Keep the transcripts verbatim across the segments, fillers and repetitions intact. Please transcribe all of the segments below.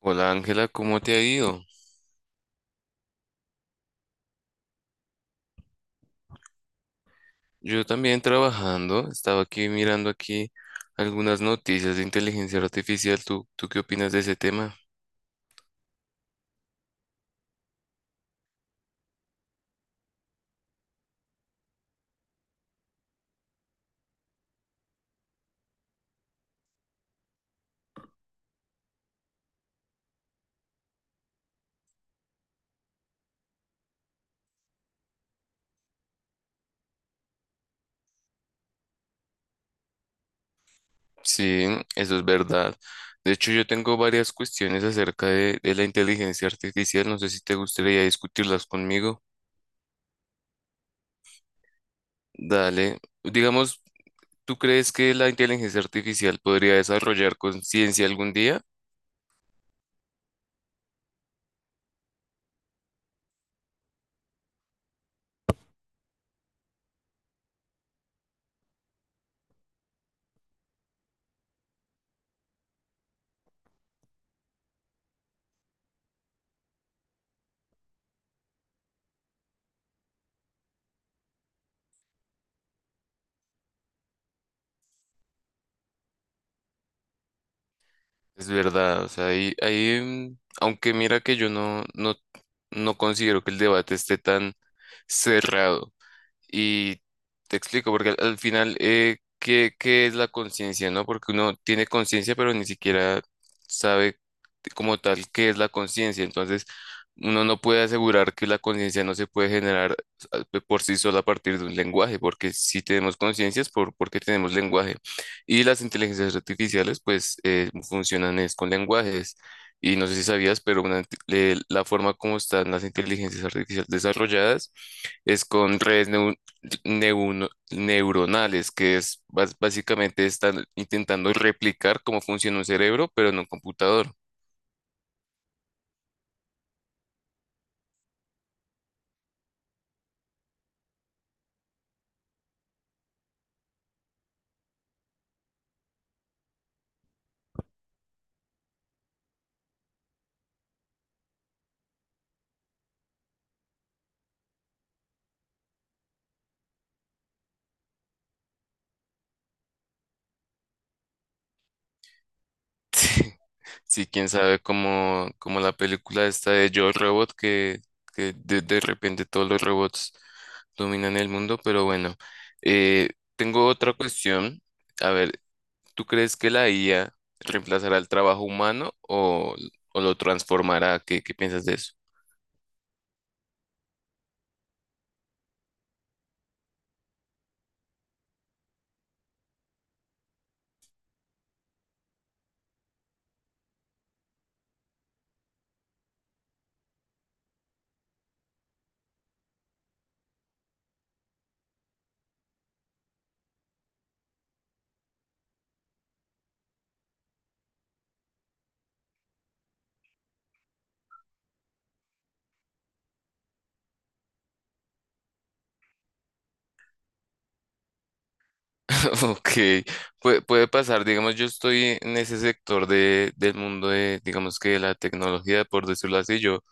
Hola Ángela, ¿cómo te ha ido? Yo también trabajando, estaba aquí mirando aquí algunas noticias de inteligencia artificial. ¿Tú, tú qué opinas de ese tema? Sí, eso es verdad. De hecho, yo tengo varias cuestiones acerca de, de la inteligencia artificial. No sé si te gustaría discutirlas conmigo. Dale. Digamos, ¿tú crees que la inteligencia artificial podría desarrollar conciencia algún día? Es verdad, o sea, ahí, ahí, mm, aunque mira que yo no, no, no considero que el debate esté tan cerrado. Y te explico, porque al, al final, eh, ¿qué, qué es la conciencia, no? Porque uno tiene conciencia, pero ni siquiera sabe como tal qué es la conciencia. Entonces, uno no puede asegurar que la conciencia no se puede generar a- pe- por sí sola a partir de un lenguaje, porque si tenemos conciencias, por, porque tenemos lenguaje. Y las inteligencias artificiales, pues, eh, funcionan es con lenguajes. Y no sé si sabías, pero una int- le- la forma como están las inteligencias artificiales desarrolladas es con redes neu- neuno- neuronales, que es bas- básicamente están intentando replicar cómo funciona un cerebro, pero en un computador. Sí, sí, quién sabe cómo, como la película esta de Yo Robot, que, que de, de repente todos los robots dominan el mundo, pero bueno, eh, tengo otra cuestión. A ver, ¿tú crees que la I A reemplazará el trabajo humano o, o lo transformará? ¿Qué, qué piensas de eso? Ok. Pue- puede pasar, digamos, yo estoy en ese sector de, del mundo de, digamos que de la tecnología, por decirlo así, yo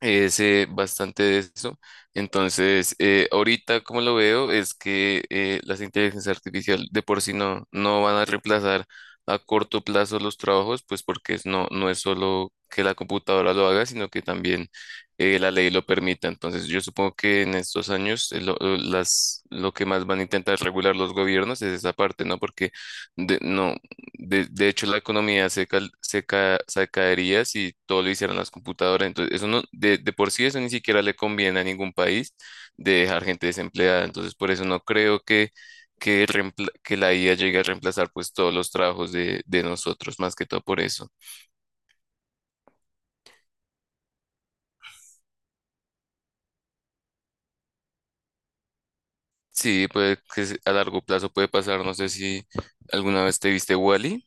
es eh, bastante de eso. Entonces, eh, ahorita como lo veo es que eh, las inteligencias artificiales de por sí no, no van a reemplazar a corto plazo los trabajos, pues porque es- no, no es solo que la computadora lo haga, sino que también eh, la ley lo permita. Entonces, yo supongo que en estos años eh, lo, lo- las, lo que más van a intentar regular los gobiernos es esa parte, ¿no? Porque de- no, de, de hecho, la economía se, cal- se, ca- se caería si todo lo hicieran las computadoras. Entonces, eso no, de, de por sí eso ni siquiera le conviene a ningún país de dejar gente desempleada. Entonces, por eso no creo que, que, reempla- que la I A llegue a reemplazar pues todos los trabajos de, de nosotros, más que todo por eso. Sí, puede que se- a largo plazo puede pasar. No sé si alguna vez te viste Wall.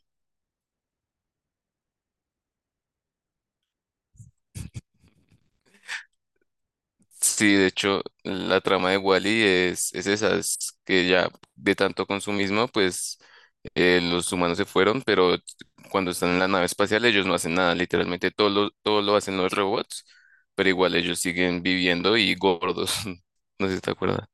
Sí, de hecho, la trama de Wally es, es esa, es que ya de tanto consumismo, pues eh, los humanos se fueron, pero cuando están en la nave espacial ellos no hacen nada, literalmente todo lo, todo lo hacen los robots, pero igual ellos siguen viviendo y gordos, no sé si te acuerdas.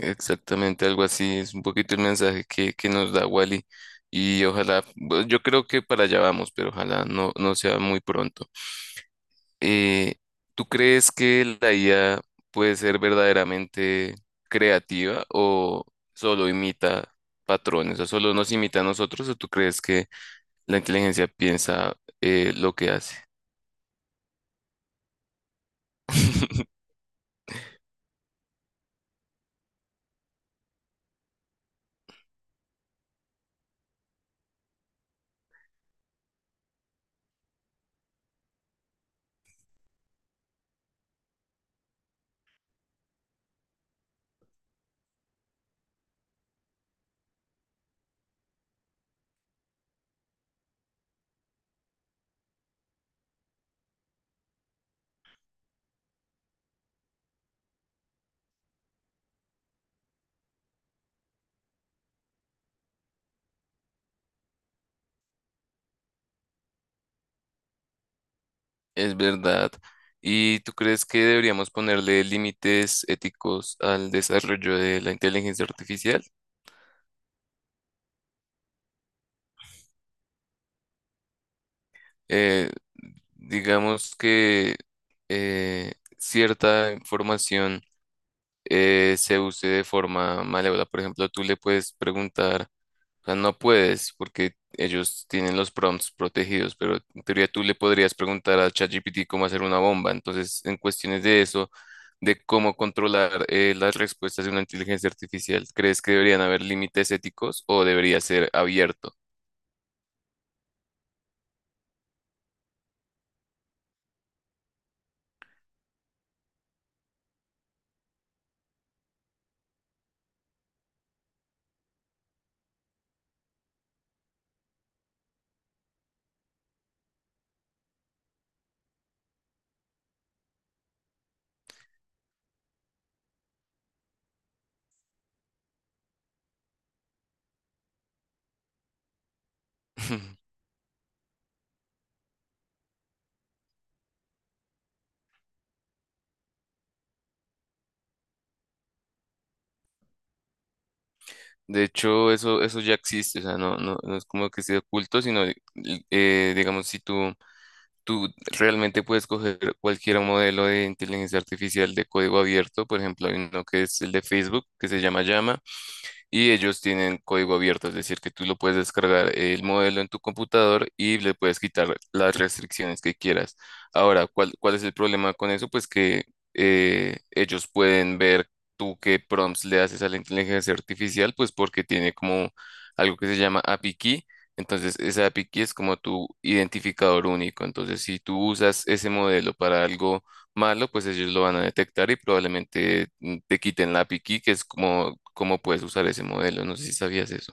Exactamente algo así, es un poquito el mensaje que, que nos da Wally y ojalá, bueno, yo creo que para allá vamos, pero ojalá no, no sea muy pronto. eh, ¿tú crees que la I A puede ser verdaderamente creativa o solo imita patrones, o solo nos imita a nosotros, o tú crees que la inteligencia piensa eh, lo que hace? Es verdad. ¿Y tú crees que deberíamos ponerle límites éticos al desarrollo de la inteligencia artificial? Eh, digamos que eh, cierta información eh, se use de forma malévola. Por ejemplo, tú le puedes preguntar, o sea, no puedes porque ellos tienen los prompts protegidos, pero en teoría tú le podrías preguntar a ChatGPT cómo hacer una bomba. Entonces, en cuestiones de eso, de cómo controlar eh, las respuestas de una inteligencia artificial, ¿crees que deberían haber límites éticos o debería ser abierto? De hecho, eso, eso ya existe, o sea, no, no, no es como que esté oculto, sino, eh, digamos, si tú tú realmente puedes coger cualquier modelo de inteligencia artificial de código abierto. Por ejemplo, hay uno que es el de Facebook, que se llama Llama y ellos tienen código abierto, es decir, que tú lo puedes descargar el modelo en tu computador y le puedes quitar las restricciones que quieras. Ahora, ¿cuál, cuál es el problema con eso? Pues que eh, ellos pueden ver tú qué prompts le haces a la inteligencia artificial, pues porque tiene como algo que se llama A P I key. Entonces, esa A P I key es como tu identificador único. Entonces, si tú usas ese modelo para algo malo, pues ellos lo van a detectar y probablemente mm, te quiten la piqui, que es como, como puedes usar ese modelo. No sé si sabías eso.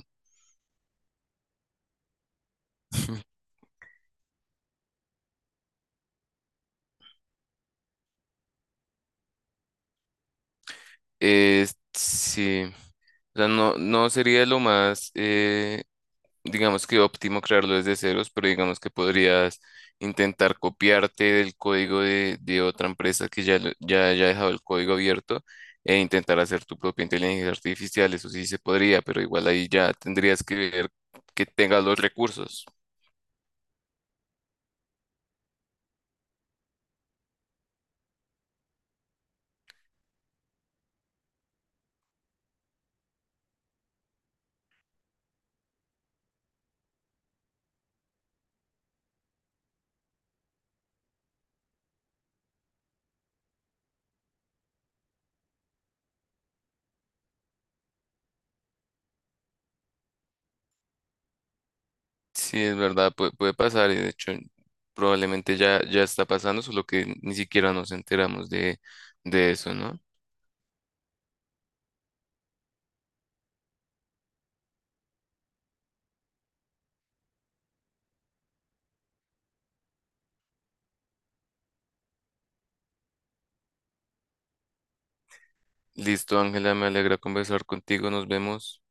Eh, sí, o sea, no, no sería lo más, eh, digamos que óptimo crearlo desde ceros, pero digamos que podrías intentar copiarte del código de, de otra empresa que ya, lo- ya haya dejado el código abierto e intentar hacer tu propia inteligencia artificial. Eso sí se podría, pero igual ahí ya tendrías que ver que tengas los recursos. Sí, es verdad, puede, puede pasar y de hecho probablemente ya, ya está pasando, solo que ni siquiera nos enteramos de, de eso, ¿no? Listo, Ángela, me alegra conversar contigo, nos vemos.